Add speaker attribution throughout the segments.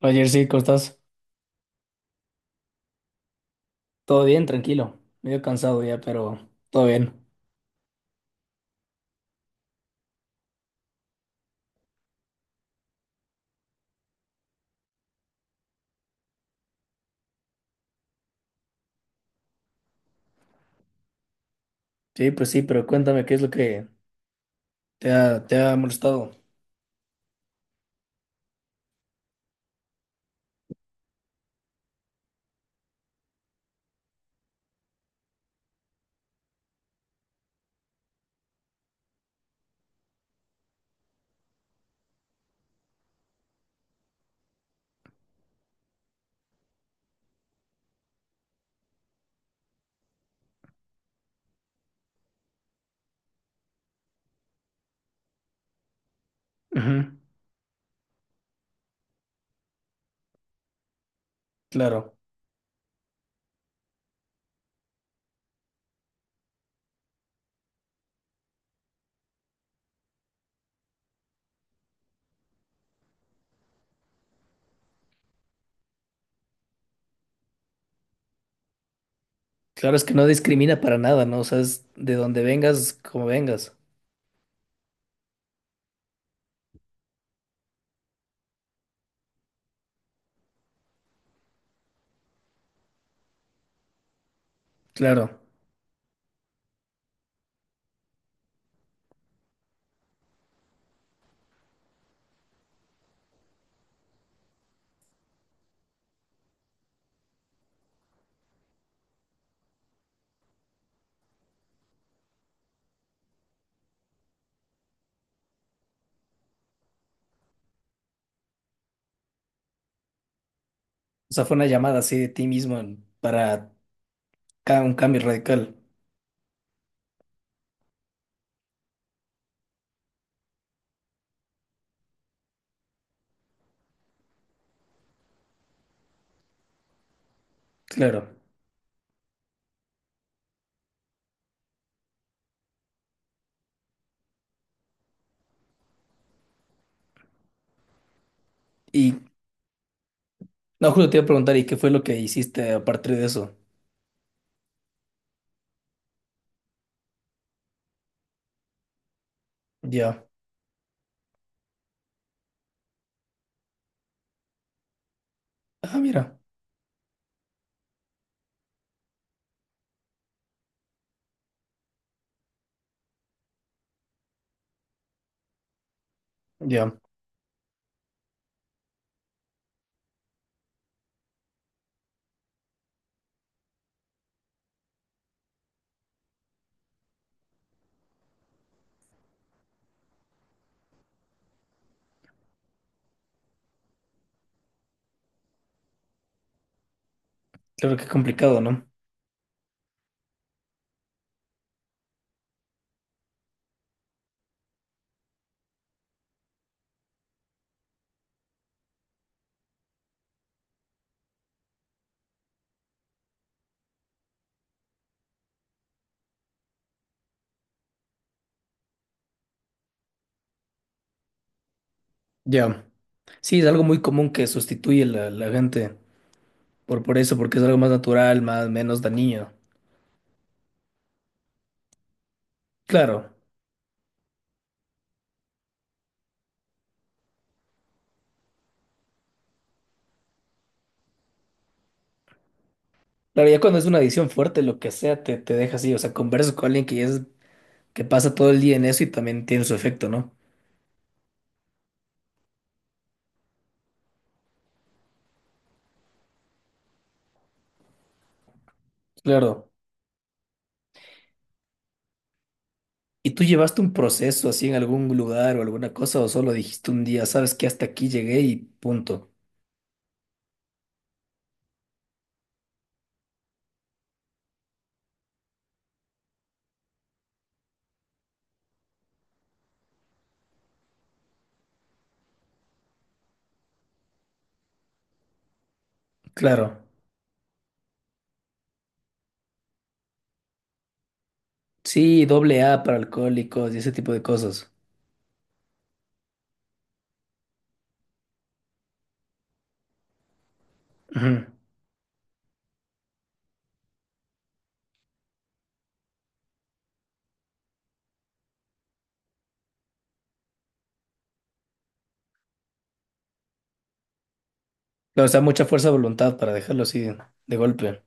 Speaker 1: Ayer sí, ¿cómo estás? Todo bien, tranquilo. Medio cansado ya, pero todo bien. Sí, pues sí, pero cuéntame qué es lo que te ha molestado. Ujú. Claro. Claro, es que no discrimina para nada, ¿no? O sea, es de donde vengas, como vengas. Claro. O sea, fue una llamada así de ti mismo para un cambio radical. Claro. Y no, justo te iba a preguntar, ¿y qué fue lo que hiciste a partir de eso? Ya. Ah, mira. Ya. Claro que complicado, ¿no? Ya. Sí, es algo muy común que sustituye la gente. Por eso, porque es algo más natural, más, menos dañino. Claro, claro, ya cuando es una adicción fuerte, lo que sea, te deja así. O sea, conversas con alguien que ya es, que pasa todo el día en eso y también tiene su efecto, ¿no? Claro. ¿Y tú llevaste un proceso así en algún lugar o alguna cosa o solo dijiste un día, sabes que hasta aquí llegué y punto? Claro. Sí, AA para alcohólicos y ese tipo de cosas. Ujú. Claro, o sea, mucha fuerza de voluntad para dejarlo así de golpe.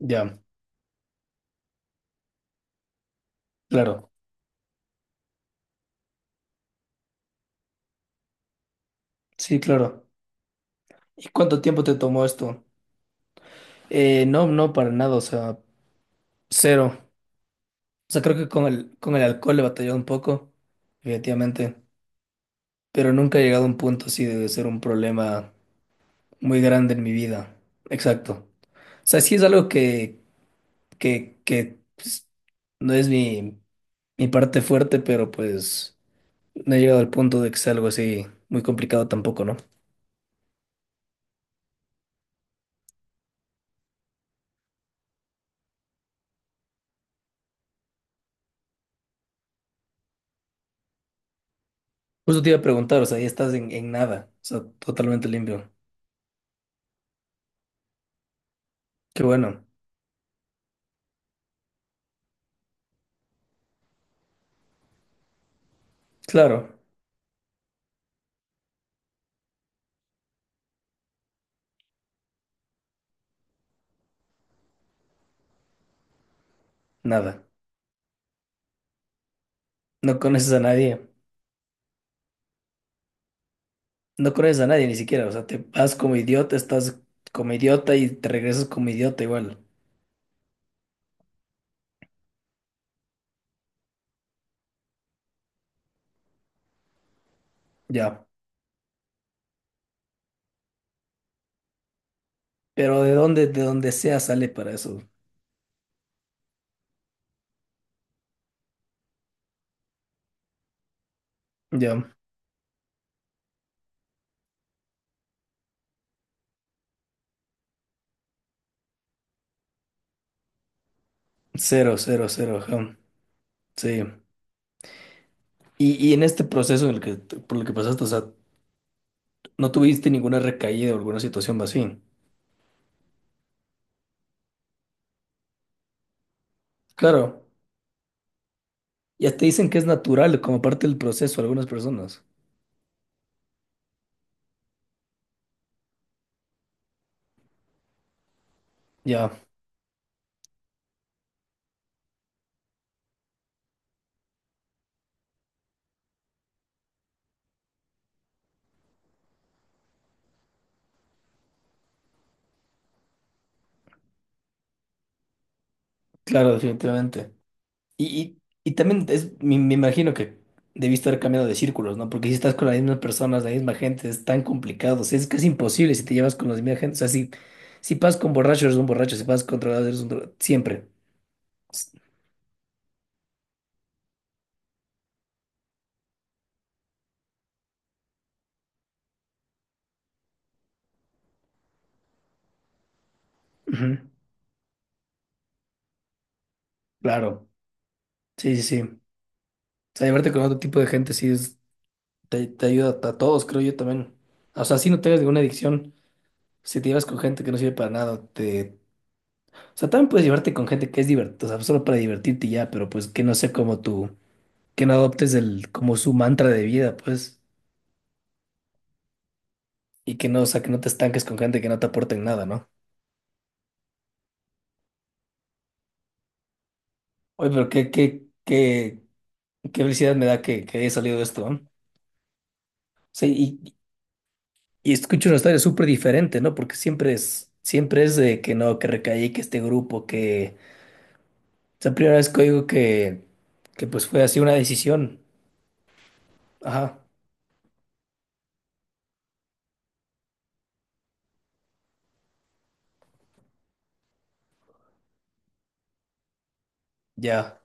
Speaker 1: Ya, claro. Sí, claro. ¿Y cuánto tiempo te tomó esto? No, no, para nada, o sea, cero. O sea, creo que con el alcohol he batallado un poco, efectivamente, pero nunca he llegado a un punto así de ser un problema muy grande en mi vida. Exacto. O sea, sí es algo que pues, no es mi, mi parte fuerte, pero pues no he llegado al punto de que sea algo así muy complicado tampoco, ¿no? Justo te iba a preguntar, o sea, ya estás en nada, o sea, totalmente limpio. Qué bueno. Claro, nada. No conoces a nadie. No conoces a nadie ni siquiera, o sea, te vas como idiota, estás como idiota y te regresas como idiota igual. Ya. Pero de dónde, de donde sea sale para eso. Ya. Cero, cero, cero, ajá. Sí. Y en este proceso en el que, por el que pasaste, o sea, no tuviste ninguna recaída o alguna situación así. Claro. Ya te dicen que es natural como parte del proceso algunas personas. Ya. Claro, definitivamente. Y también es, me imagino que debiste haber cambiado de círculos, ¿no? Porque si estás con las mismas personas, la misma gente, es tan complicado. O sea, es casi imposible si te llevas con la misma gente. O sea, si, si pasas con borrachos, eres un borracho. Si pasas con drogados, eres un drogado. Siempre. S- ujú, claro. Sí, sí, sí. O sea, llevarte con otro tipo de gente sí es, te ayuda a todos, creo yo también. O sea, si no tengas ninguna adicción, si te llevas con gente que no sirve para nada, te... O sea, también puedes llevarte con gente que es divertida, o sea, solo para divertirte y ya, pero pues que no sea como tú que no adoptes el, como su mantra de vida, pues, y que no, o sea, que no te estanques con gente que no te aporte en nada, ¿no? Oye, pero qué felicidad me da que haya salido esto, ¿no? Sí, y escucho una historia súper diferente, ¿no? Porque siempre es de que no, que recaí, que este grupo, que... O sea, primera vez que oigo que pues fue así una decisión. Ajá, ya.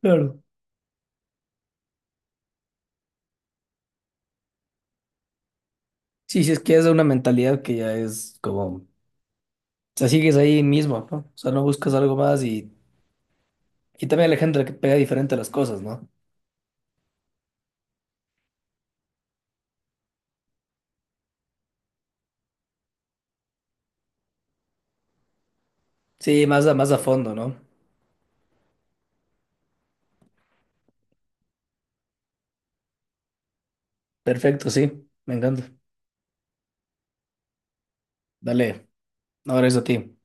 Speaker 1: Claro. Sí, sí, es que es una mentalidad que ya es como... O sea, sigues ahí mismo, ¿no? O sea, no buscas algo más y también la gente que pega diferente a las cosas, ¿no? Sí, más a fondo, ¿no? Perfecto, sí, me encanta. Dale, ahora es a ti.